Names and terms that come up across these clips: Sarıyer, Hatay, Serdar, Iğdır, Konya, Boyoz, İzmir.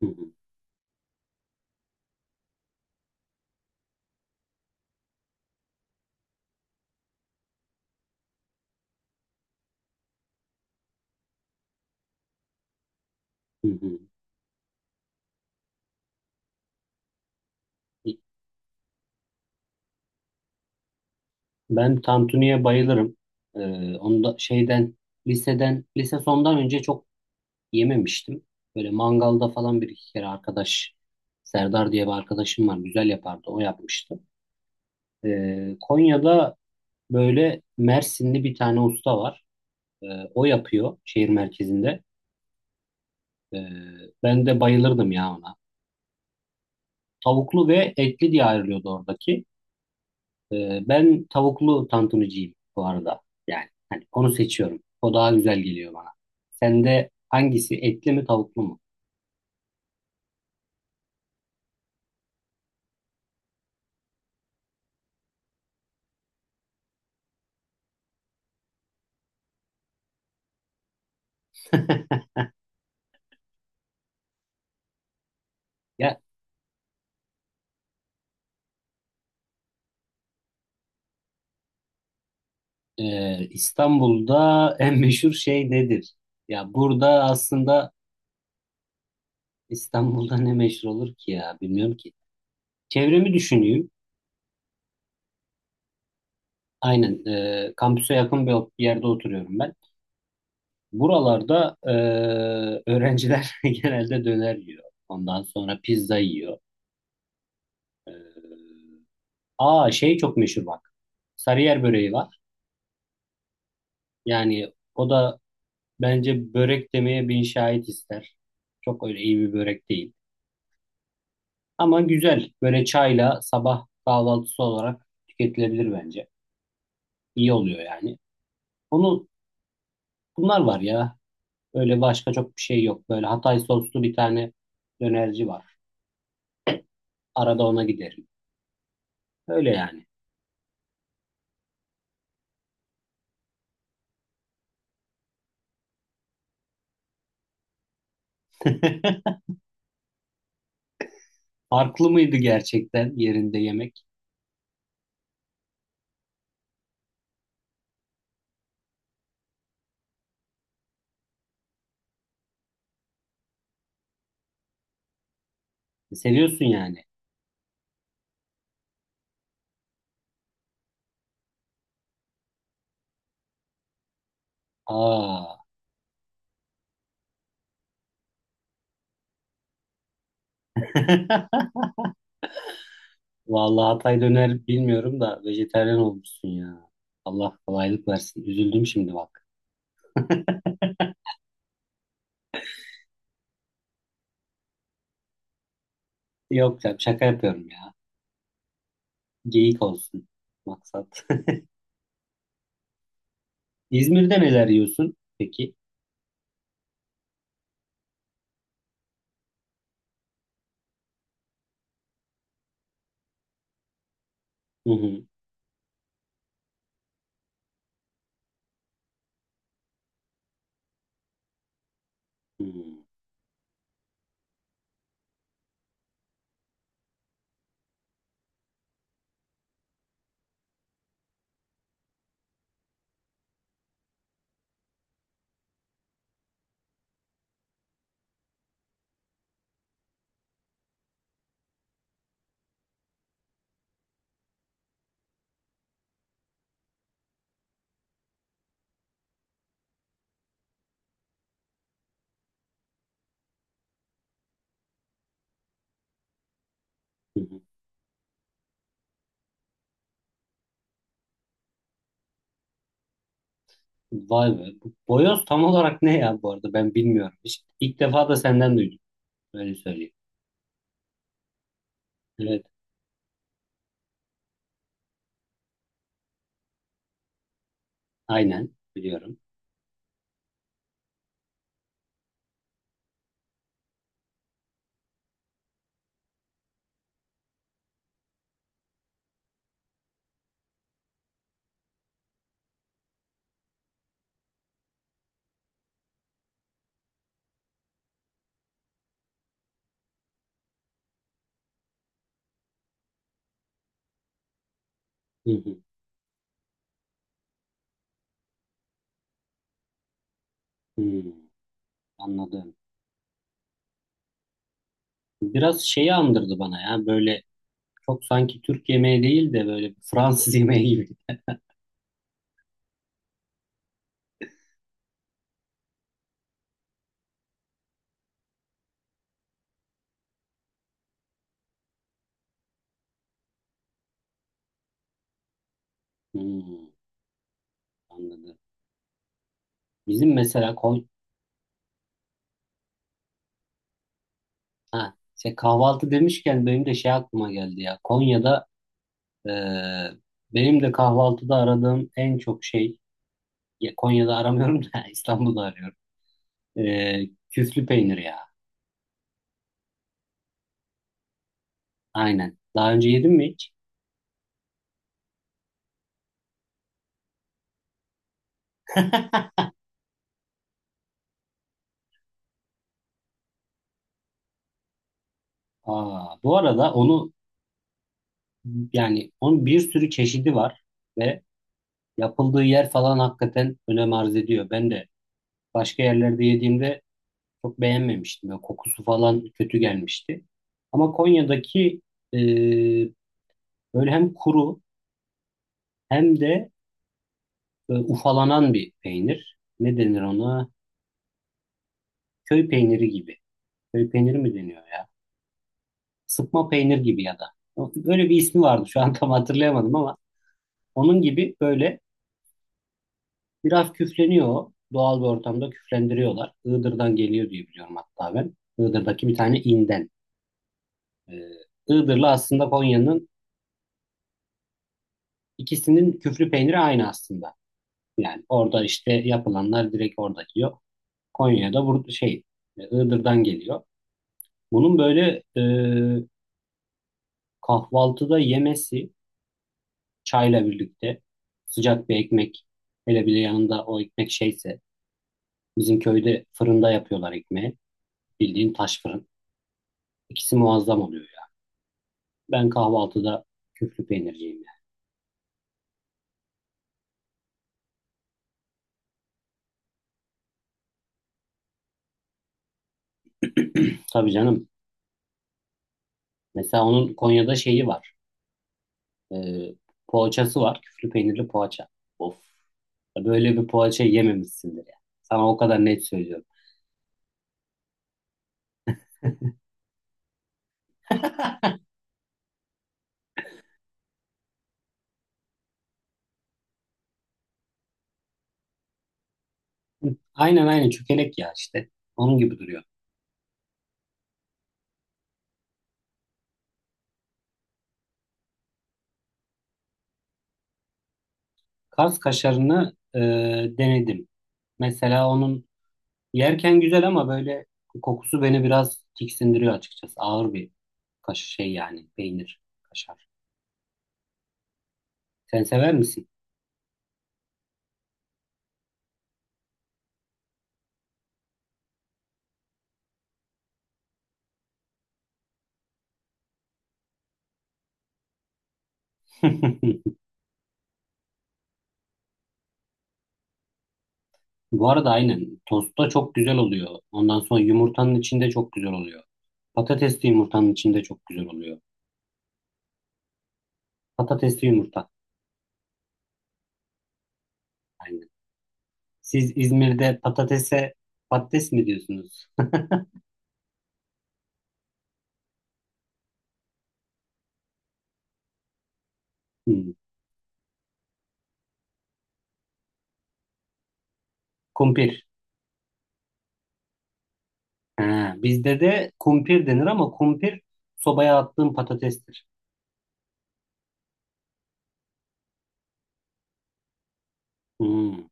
Hı hı, hı hı. Ben tantuniye bayılırım. Onu da liseden lise sondan önce çok yememiştim. Böyle mangalda falan bir iki kere Serdar diye bir arkadaşım var. Güzel yapardı. O yapmıştı. Konya'da böyle Mersinli bir tane usta var. Ee, o yapıyor şehir merkezinde. Ee, ben de bayılırdım ya ona. Tavuklu ve etli diye ayrılıyordu oradaki. Ben tavuklu tantunucuyum bu arada. Yani hani onu seçiyorum. O daha güzel geliyor bana. Sende hangisi, etli mi tavuklu mu? Ya İstanbul'da en meşhur şey nedir? Ya burada aslında İstanbul'da ne meşhur olur ki ya, bilmiyorum ki. Çevremi düşüneyim. Aynen, kampüse yakın bir yerde oturuyorum ben. Buralarda öğrenciler genelde döner yiyor. Ondan sonra pizza yiyor. Ee, aa şey çok meşhur bak. Sarıyer böreği var. Yani o da bence börek demeye bin şahit ister. Çok öyle iyi bir börek değil. Ama güzel. Böyle çayla sabah kahvaltısı olarak tüketilebilir bence. İyi oluyor yani. Onu, bunlar var ya. Öyle başka çok bir şey yok. Böyle Hatay soslu bir tane dönerci var. Arada ona giderim. Öyle yani. Farklı mıydı gerçekten yerinde yemek? Seviyorsun yani. Aa. Vallahi Hatay döner bilmiyorum da vejetaryen olmuşsun ya. Allah kolaylık versin. Üzüldüm şimdi bak. Yok canım, şaka yapıyorum ya. Geyik olsun maksat. İzmir'de neler yiyorsun peki? Hı hı, hı hı, hı hı. Vay be. Bu Boyoz tam olarak ne ya, bu arada ben bilmiyorum. Hiç, ilk defa da senden duydum. Öyle söyleyeyim. Evet, aynen biliyorum. Hı hı, hı. Anladım. Biraz şeyi andırdı bana ya, böyle çok sanki Türk yemeği değil de böyle Fransız yemeği gibi. Hmm, anladım. Bizim mesela Kon ha, şey, kahvaltı demişken benim de şey aklıma geldi ya. Konya'da, eee, benim de kahvaltıda aradığım en çok şey, ya Konya'da aramıyorum da İstanbul'da arıyorum. Küflü peynir ya. Aynen. Daha önce yedin mi hiç? Aa, bu arada onu, yani onun bir sürü çeşidi var ve yapıldığı yer falan hakikaten önem arz ediyor. Ben de başka yerlerde yediğimde çok beğenmemiştim. Böyle kokusu falan kötü gelmişti. Ama Konya'daki e, böyle hem kuru hem de ufalanan bir peynir. Ne denir ona? Köy peyniri gibi. Köy peyniri mi deniyor ya? Sıkma peynir gibi ya da. Böyle bir ismi vardı. Şu an tam hatırlayamadım ama onun gibi böyle biraz küfleniyor Doğal bir ortamda küflendiriyorlar. Iğdır'dan geliyor diye biliyorum hatta ben. Iğdır'daki bir tane inden. Ee, Iğdır'la aslında Konya'nın, ikisinin küflü peyniri aynı aslında. Yani orada işte yapılanlar direkt orada yiyor. Konya'da burada şey, Iğdır'dan geliyor. Bunun böyle kahvaltıda yemesi, çayla birlikte sıcak bir ekmek, hele bile yanında o ekmek şeyse, bizim köyde fırında yapıyorlar ekmeği. Bildiğin taş fırın. İkisi muazzam oluyor yani. Ben kahvaltıda küflü peynirciyim. yani. Tabii canım. Mesela onun Konya'da şeyi var. Ee, poğaçası var. Küflü peynirli poğaça. Of. Böyle bir poğaça yememişsindir ya. Sana o kadar net söylüyorum. Aynen, aynen çökelek ya işte. Onun gibi duruyor. Kaz kaşarını denedim. Mesela onun, yerken güzel ama böyle kokusu beni biraz tiksindiriyor açıkçası. Ağır bir kaş şey yani peynir kaşar. Sen sever misin? Bu arada aynen. Tostta çok güzel oluyor. Ondan sonra yumurtanın içinde çok güzel oluyor. Patatesli yumurtanın içinde çok güzel oluyor. Patatesli yumurta. Aynen. Siz İzmir'de patatese patates mi diyorsunuz? Hmm. Kumpir. Ha, bizde de kumpir denir ama kumpir sobaya attığım patatestir. Hmm.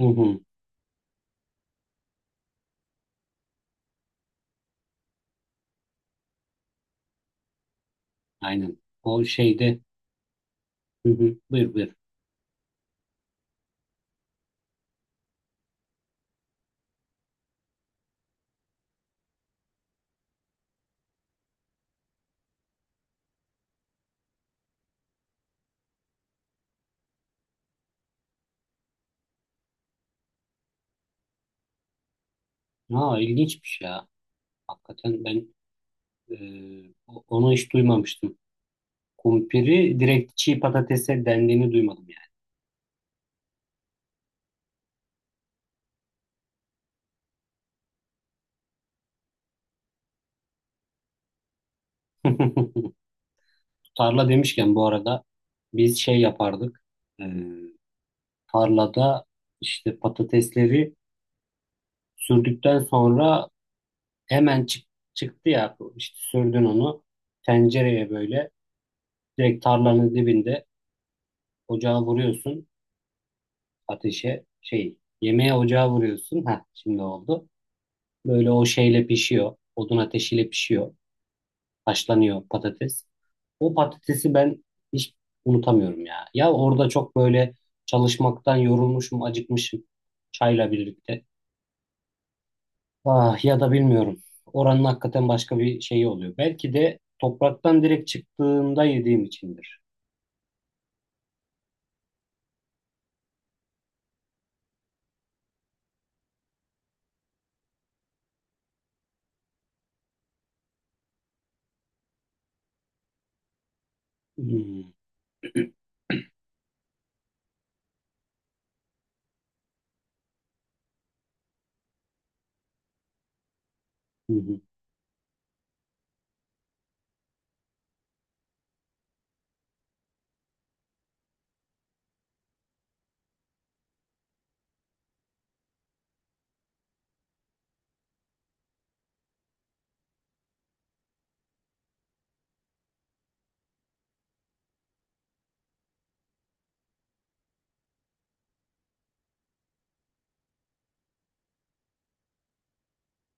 Hı hı. Aynen. O şeyde. Hı hı. Buyur buyur. Ha, ilginçmiş ya. Hakikaten ben e, onu hiç duymamıştım. Kumpiri direkt çiğ patatese dendiğini duymadım yani. Tarla demişken bu arada biz şey yapardık. Ee, tarlada işte patatesleri sürdükten sonra hemen çıktı ya işte, sürdün onu tencereye böyle direkt tarlanın dibinde ocağa vuruyorsun, ateşe şey yemeğe ocağa vuruyorsun. Ha şimdi oldu. Böyle o şeyle pişiyor. Odun ateşiyle pişiyor. Haşlanıyor patates. O patatesi ben hiç unutamıyorum ya. Ya orada çok böyle çalışmaktan yorulmuşum, acıkmışım, çayla birlikte. Ah ya da bilmiyorum. Oranın hakikaten başka bir şeyi oluyor. Belki de topraktan direkt çıktığında yediğim içindir. Hmm. Hı hı.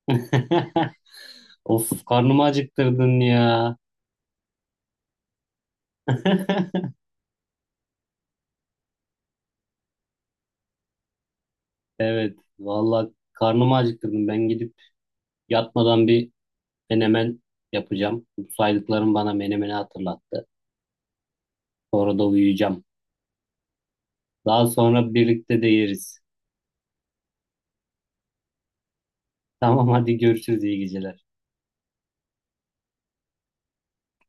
Of, karnımı acıktırdın ya. Evet, vallahi karnımı acıktırdın. Ben gidip yatmadan bir menemen yapacağım. Bu saydıklarım bana menemeni hatırlattı. Sonra da uyuyacağım. Daha sonra birlikte de yeriz. Tamam, hadi görüşürüz, iyi geceler.